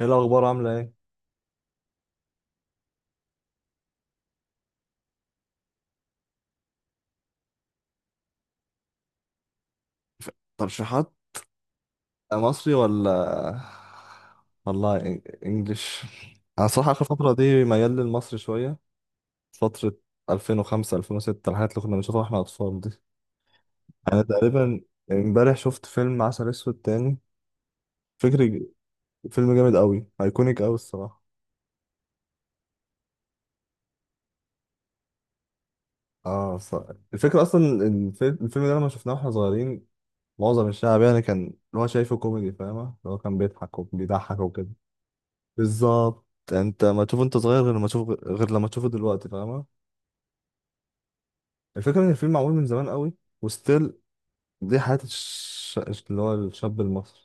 ايه الاخبار عامله ايه؟ ترشيحات. مصري ولا؟ والله انجليش. انا صراحه اخر فتره دي ميال للمصري شويه. فتره 2005 2006، الحاجات اللي كنا بنشوفها واحنا اطفال دي. انا تقريبا امبارح شفت فيلم عسل اسود تاني. فكري. فيلم جامد قوي، ايكونيك قوي الصراحه. اه صح. الفكره اصلا الفيلم ده لما شفناه واحنا صغيرين، معظم الشعب يعني كان اللي هو شايفه كوميدي فاهمه، اللي هو كان بيضحك وبيضحك. بالظبط. انت ما تشوفه انت صغير، غير لما تشوفه دلوقتي فاهمة. الفكرة ان الفيلم معمول من زمان قوي، وستيل دي حياة اللي هو الشاب المصري.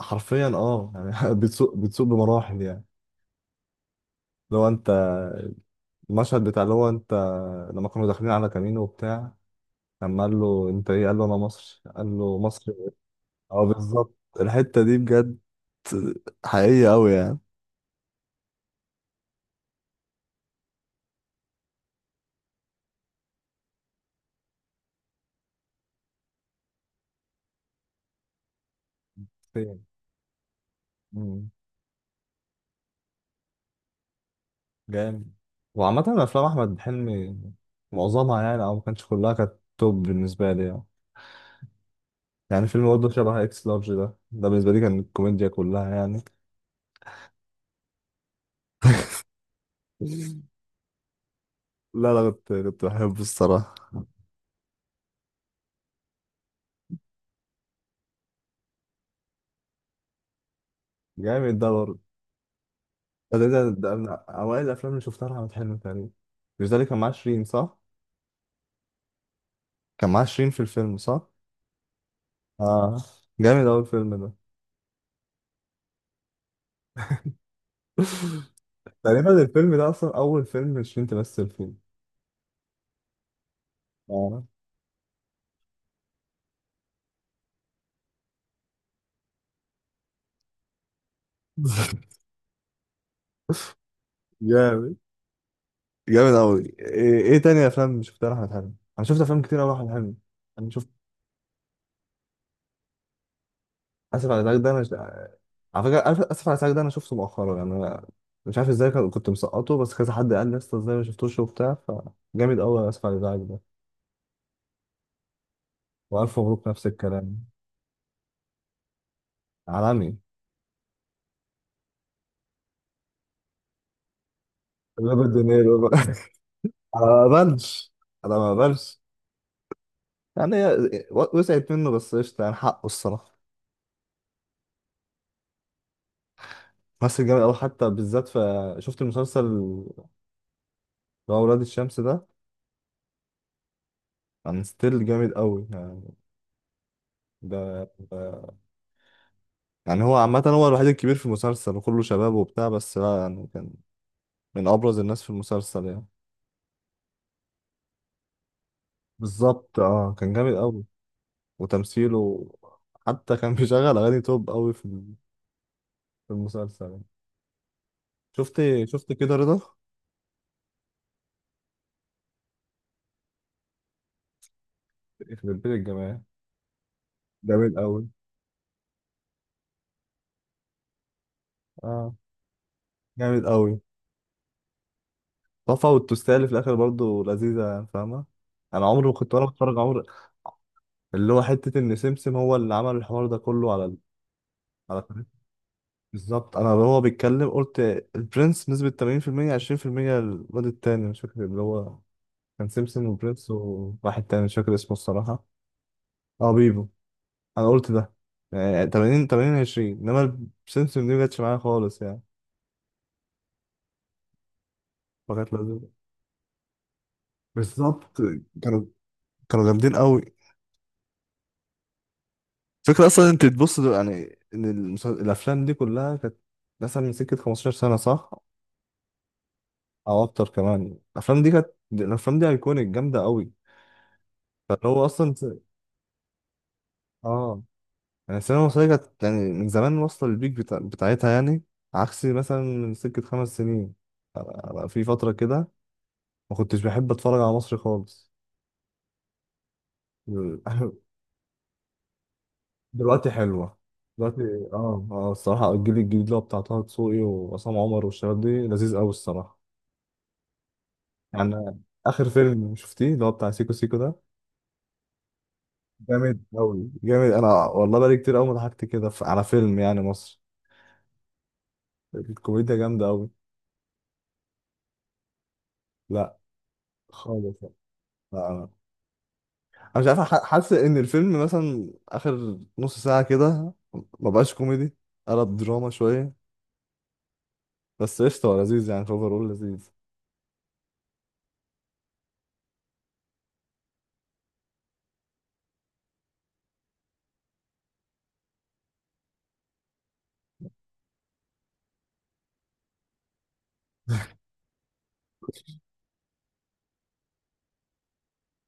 حرفيا اه يعني، بتسوق بتسوق بمراحل يعني. لو انت، المشهد بتاع اللي هو انت، لما كانوا داخلين على كامينو وبتاع، لما قال له انت ايه، قال له انا مصري، قال له مصري. اه بالظبط. الحتة دي بجد حقيقية قوي يعني. فين. جامد. وعامة أفلام أحمد حلمي معظمها يعني، أو ما كانتش كلها، كانت توب بالنسبة لي يعني. يعني فيلم برضه شبه إكس لارج ده بالنسبة لي كان الكوميديا كلها يعني. لا لا، كنت بحبه الصراحة. جامد ده برضه. ده من أوائل الأفلام اللي شفتها لأحمد حلمي تقريبا. مش ده اللي كان معاه شيرين صح؟ كان معاه شيرين في الفيلم صح؟ آه. جامد أوي الفيلم ده. تقريبا الفيلم ده أصلا أول فيلم شيرين تمثل فيه. آه. جامد. جامد قوي. إيه تاني افلام شفتها لاحمد حلمي؟ انا شفت افلام كتير قوي لاحمد حلمي. انا شفت. اسف على الازعاج ده انا ش- على فكره عارف اسف على الازعاج ده انا شفته مؤخرا يعني. انا مش عارف ازاي كنت مسقطه، بس كذا حد قال لي لسه ازاي ما شفتوش وبتاع. فجامد قوي اسف على الازعاج ده. والف مبروك نفس الكلام. عالمي. روبرت دينيرو بقى. انا ما بقبلش انا ما بقبلش يعني. هي وسعت منه بس قشطه يعني حقه الصراحه. ممثل جامد قوي، حتى بالذات في، شفت المسلسل اللي هو ولاد الشمس ده، كان ستيل جامد قوي. ده ده- يعني هو عامة هو الوحيد الكبير في المسلسل وكله شباب وبتاع، بس لا يعني كان من أبرز الناس في المسلسل يعني. بالظبط اه كان جامد أوي وتمثيله. حتى كان بيشغل أغاني توب أوي في المسلسل يعني. شفت كده رضا؟ يخرب بيت الجماعة، جامد أوي. اه جامد أوي. طفى. والتوستيه اللي في الآخر برضه لذيذة يعني فاهمة. أنا عمري ما كنت وأنا بتفرج، عمري. اللي هو حتة إن سمسم هو اللي عمل الحوار ده كله على. بالظبط انا اللي هو بيتكلم قلت البرنس نسبة 80% 20%. الواد التاني مش فاكر اللي هو، كان سيمسون وبرنس وواحد تاني مش فاكر اسمه الصراحة. اه بيبو. انا قلت ده يعني 80 80 20، انما سيمسون دي مجتش معايا خالص يعني. فكانت لذيذة. بالظبط. كانوا كانوا جامدين قوي. فكرة اصلا انت تبص يعني ان الافلام دي كلها كانت مثلا من سكة 15 سنة صح، او اكتر كمان. الافلام دي كانت، الافلام دي ايكونيك جامدة قوي. فاللي هو اصلا. اه يعني السينما المصرية كانت يعني من زمان واصلة للبيك بتاعتها يعني. عكس مثلا من سكة 5 سنين. أنا- أنا في فترة كده ما كنتش بحب أتفرج على مصر خالص. دلوقتي حلوة، دلوقتي. اه، اه، الصراحة الجيل الجديد اللي هو بتاع طه دسوقي وعصام عمر والشباب دي لذيذ أوي الصراحة. يعني آخر فيلم شفتيه اللي هو بتاع سيكو سيكو ده؟ جامد أوي، جامد. أنا والله بقالي كتير أوي ما ضحكت كده على فيلم يعني مصر. الكوميديا جامدة أوي. لا. خالص. لا، انا مش عارف حاسس ان الفيلم مثلا اخر نص ساعه كده ما بقاش كوميدي، قلب دراما شويه. بس قشطه هو لذيذ يعني، اول لذيذ.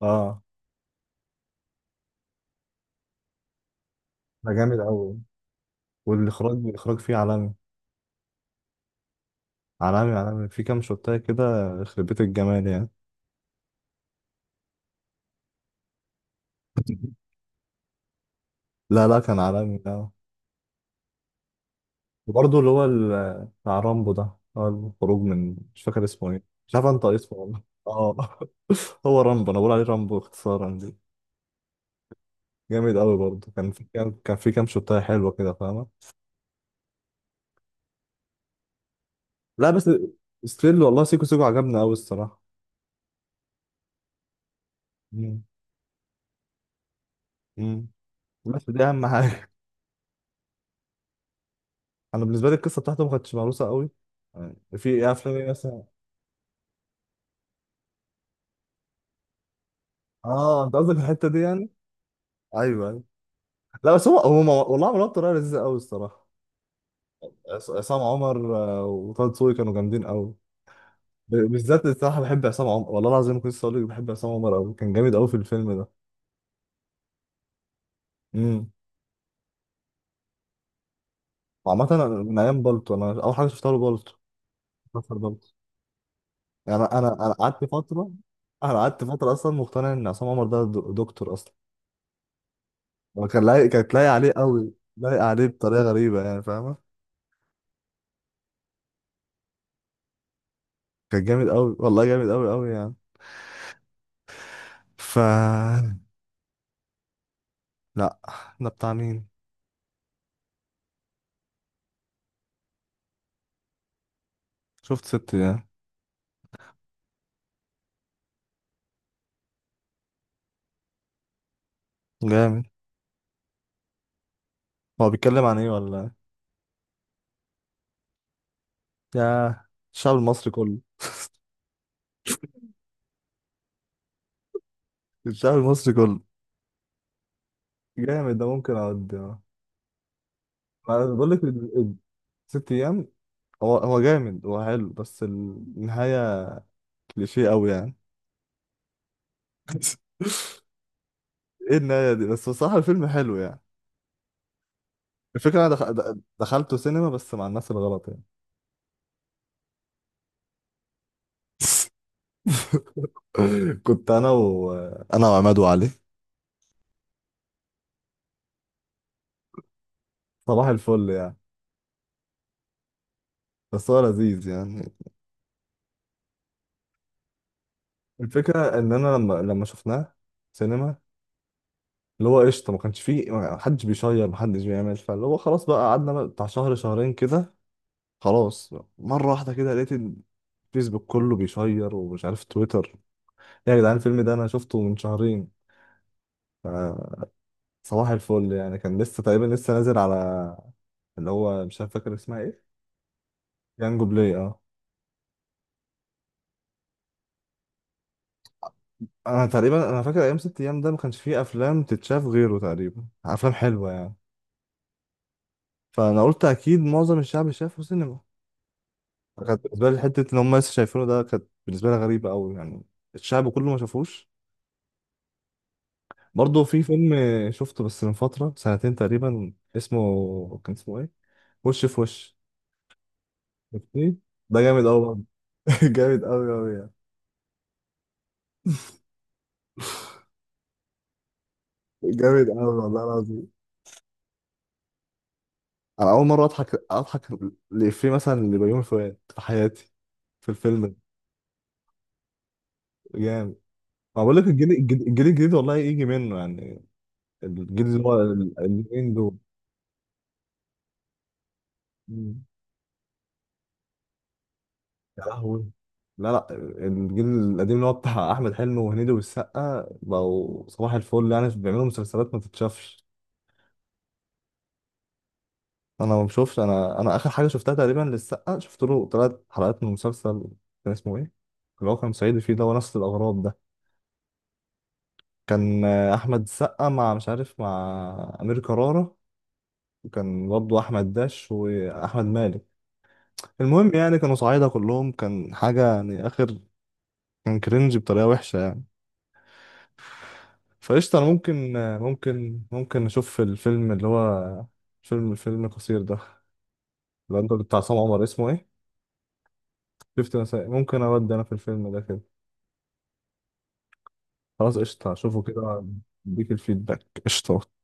اه. ده جامد قوي. والاخراج فيه عالمي. عالمي، عالمي في كام شوتايه كده. يخرب بيت الجمال يعني. لا لا، كان عالمي ده. وبرضه اللي هو بتاع رامبو ده، هو الخروج من، مش فاكر اسمه ايه. مش عارف انت اسمه والله. اه. هو رامبو، انا بقول عليه رامبو اختصارا دي. جامد قوي برضه. كان في كام شوتايه حلوه كده فاهمه. لا بس ستيل والله سيكو سيكو عجبني قوي الصراحه. مم. مم. بس دي اهم حاجه. انا بالنسبه لي القصه بتاعته ما كانتش مهروسه قوي يعني. في إيه افلام ايه مثلا؟ اه. انت قصدك الحته دي يعني. ايوه ايوه. لا بس والله عملوها بطريقه لذيذه قوي الصراحه. عصام عمر آه، وطه دسوقي كانوا جامدين قوي. بالذات الصراحه بحب عصام عمر والله العظيم. كنت لسه اقول لك بحب عصام عمر قوي، كان جامد قوي في الفيلم ده. امم. وعامه أنا من ايام بالطو، انا اول حاجه شفتها له بالطو. مسلسل بالطو. يعني انا قعدت فتره. انا قعدت فتره اصلا مقتنع ان عصام عمر ده دكتور اصلا. هو كانت لايق عليه قوي، لايق عليه بطريقه غريبه يعني فاهمه. كان جامد قوي والله، جامد قوي قوي يعني. ف لا. ده بتاع مين؟ شفت ست ده. جامد. هو بيتكلم عن ايه ولا؟ يا، الشعب المصري كله. الشعب المصري كله. جامد ده ممكن اقعد اه. ما انا بقول لك ست ايام. هو جامد، هو حلو بس النهايه كليشيه قوي يعني. ايه النهاية دي؟ بس بصراحة الفيلم حلو يعني. الفكرة انا دخلته سينما بس مع الناس الغلط يعني. كنت انا و انا وعماد وعلي. صباح الفل يعني. بس هو لذيذ يعني. الفكرة ان انا لما شفناه سينما، اللي هو قشطة ما كانش فيه، ما حدش بيشير ما حدش بيعمل. فاللي هو خلاص بقى قعدنا بقى بتاع شهر شهرين كده. خلاص مرة واحدة كده لقيت الفيسبوك كله بيشير، ومش عارف تويتر. إيه يا جدعان؟ الفيلم ده انا شفته من شهرين آه، صباح الفل يعني. كان لسه تقريبا لسه نازل على، اللي هو مش عارف فاكر اسمها ايه. يانجو بلاي. اه. انا فاكر ايام ست ايام ده ما كانش فيه افلام تتشاف غيره تقريبا، افلام حلوه يعني. فانا قلت اكيد معظم الشعب شافه سينما. كانت بالنسبه لي حته ان هم لسه شايفينه ده، كانت بالنسبه لي غريبه قوي يعني. الشعب كله ما شافوش. برضه في فيلم شفته بس من فتره سنتين تقريبا، اسمه، كان اسمه ايه، وش في وش. شفتيه؟ ده جامد قوي برضه. جامد قوي قوي يعني. جامد قوي والله العظيم. انا اول مره اضحك لإفيه مثلا لبيومي فؤاد في حياتي، في الفيلم ده. جامد. ما بقول لك، الجيل الجديد الجيل الجديد والله يجي منه يعني. الجيل اللي هو اليومين دول. مم. يا لهوي. لا لا، الجيل القديم اللي هو بتاع احمد حلمي وهنيدي والسقا بقوا صباح الفل يعني، بيعملوا مسلسلات ما تتشافش. انا ما بشوفش. انا اخر حاجه شفتها تقريبا للسقا، شفت له 3 حلقات من مسلسل، كان اسمه ايه، اللي هو كان صعيدي فيه ده ونفس الاغراض ده. كان آه، احمد السقا مع مش عارف مع امير كرارة، وكان برضه احمد داش واحمد مالك. المهم يعني كانوا صعايدة كلهم، كان حاجة يعني اخر. كان كرنج بطريقة وحشة يعني. فقشطة انا ممكن اشوف الفيلم اللي هو فيلم قصير ده. اللي انت بتاع عصام عمر اسمه ايه؟ شفت مسائل. ممكن اودي انا في الفيلم ده كده. خلاص قشطة اشوفه كده. اديك الفيدباك قشطة.